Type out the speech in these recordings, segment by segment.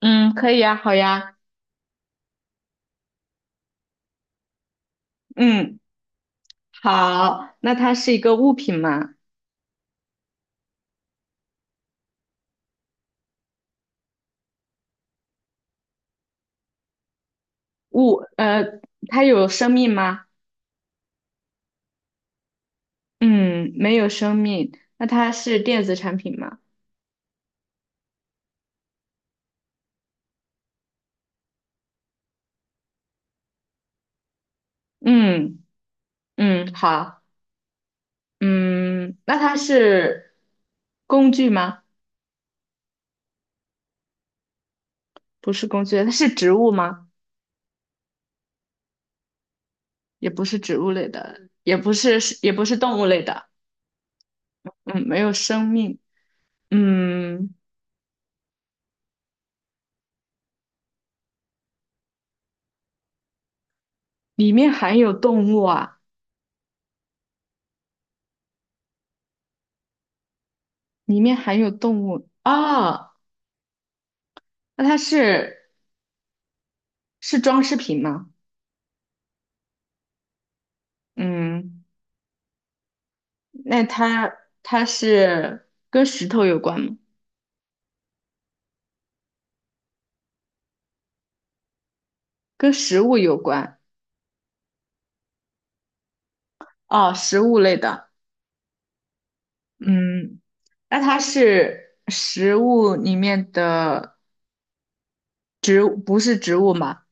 嗯，可以呀，好呀，嗯，好，那它是一个物品吗？物，它有生命吗？嗯，没有生命。那它是电子产品吗？嗯嗯，好，嗯，那它是工具吗？不是工具，它是植物吗？也不是植物类的，也不是，也不是动物类的。嗯，没有生命。嗯，里面含有动物啊，里面含有动物啊，那它是。是装饰品吗？嗯，那它是跟石头有关吗？跟食物有关？哦，食物类的。嗯，那它是食物里面的植物，不是植物嘛？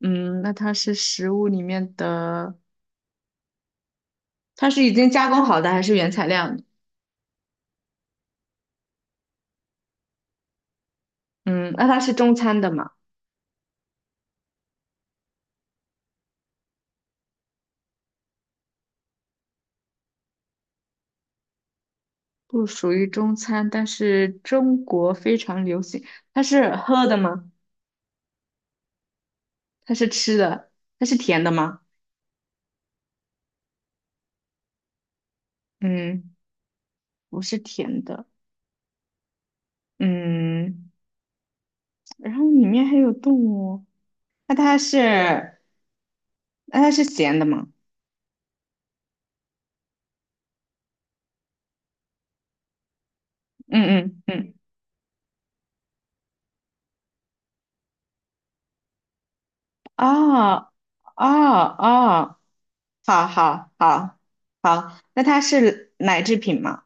嗯，那它是食物里面的，它是已经加工好的还是原材料呢？嗯，那它是中餐的嘛？不属于中餐，但是中国非常流行。它是喝的吗？它是吃的？它是甜的吗？嗯。不是甜的，嗯，然后里面还有动物，那它是那它是咸的吗？嗯嗯嗯，哦哦哦，好好好好，那它是奶制品吗？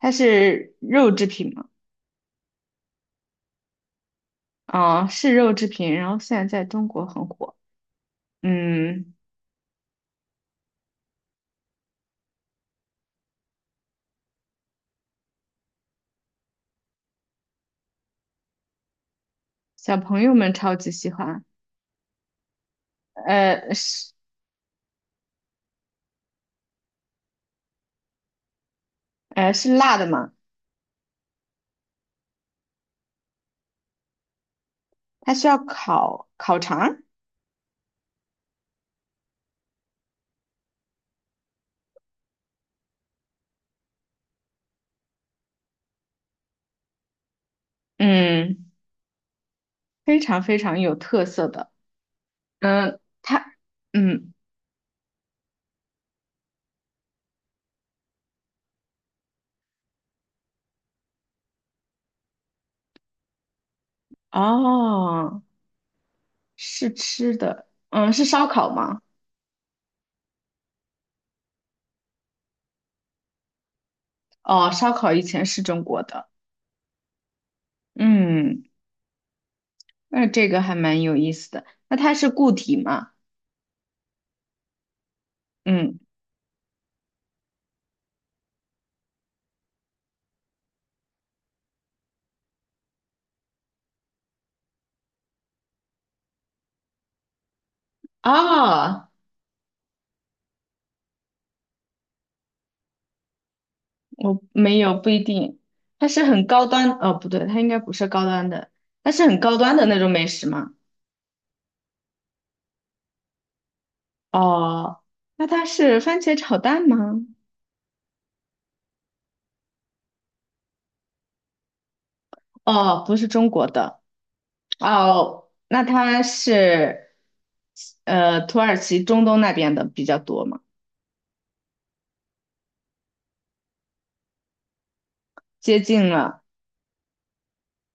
它是肉制品吗？哦，是肉制品，然后现在在中国很火，嗯，小朋友们超级喜欢，呃是是辣的吗？它需要烤烤肠儿嗯，非常非常有特色的。嗯，它，嗯，哦，是吃的，嗯，是烧烤吗？哦，烧烤以前是中国的，嗯，那这个还蛮有意思的。那它是固体吗？嗯，哦，我没有，不一定。它应该不是高端的，它是很高端的那种美食吗？哦，那它是番茄炒蛋吗？哦，不是中国的。哦，那它是土耳其中东那边的比较多嘛，接近了，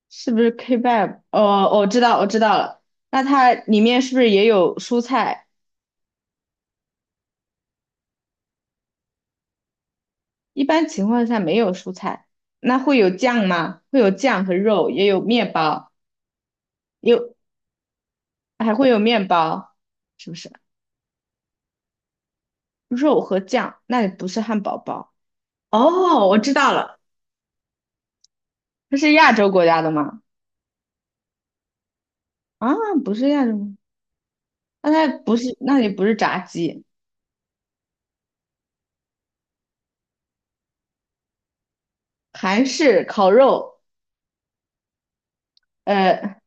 是不是 kebab？哦，我知道，我知道了。那它里面是不是也有蔬菜？一般情况下没有蔬菜，那会有酱吗？会有酱和肉，也有面包，有还会有面包，是不是？肉和酱，那里不是汉堡包。哦，我知道了，它是亚洲国家的吗？啊，不是亚洲吗？那它不是，那里不是炸鸡。韩式烤肉，呃，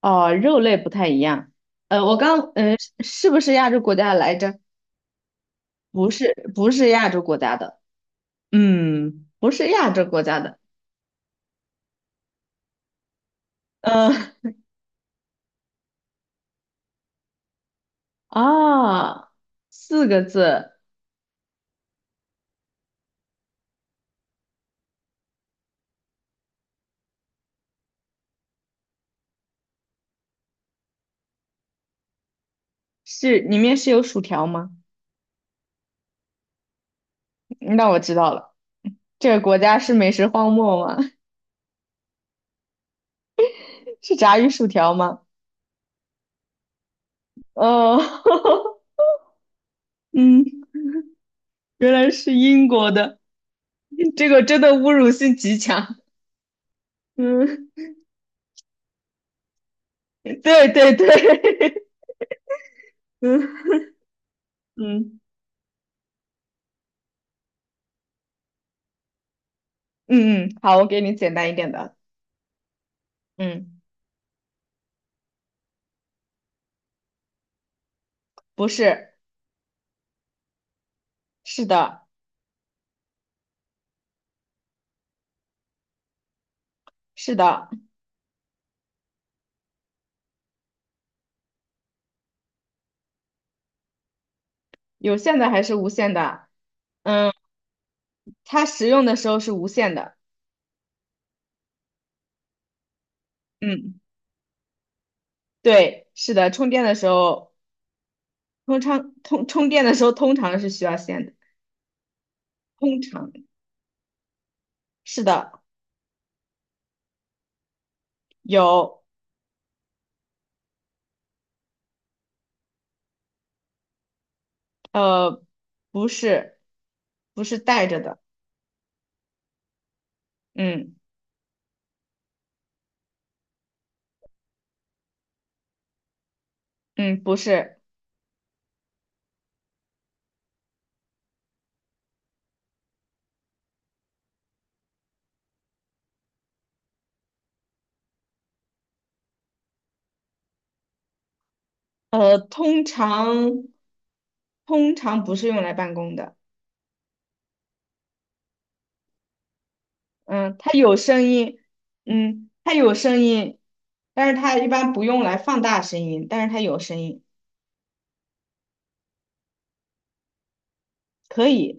哦，肉类不太一样。是是不是亚洲国家来着？不是，不是亚洲国家的，嗯，不是亚洲国家的，呃，啊，四个字是里面是有薯条吗？那我知道了，这个国家是美食荒漠吗？是炸鱼薯条吗？哦，嗯，原来是英国的，这个真的侮辱性极强。嗯，对对对，嗯，嗯嗯嗯，好，我给你简单一点的。嗯，不是，是的，是的，有线的还是无线的？嗯，它使用的时候是无线的。嗯，对，是的，充电的时候，通常充电的时候通常是需要线的，通常是的，有，呃，不是，不是带着的。嗯嗯，不是，呃，通常通常不是用来办公的。嗯，它有声音，嗯，它有声音，但是它一般不用来放大声音，但是它有声音，可以，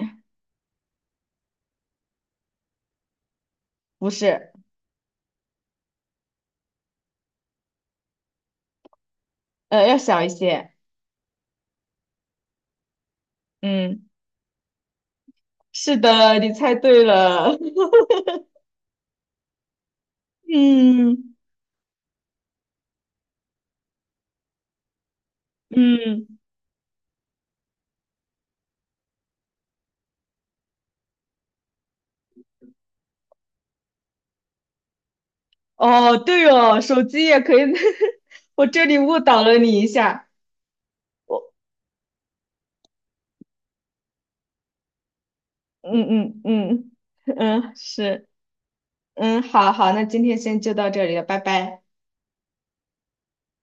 不是，要小一些，嗯，是的，你猜对了，嗯嗯，哦，对哦，手机也可以，我这里误导了你一下，嗯嗯嗯嗯，是，嗯，好好，那今天先就到这里了，拜拜。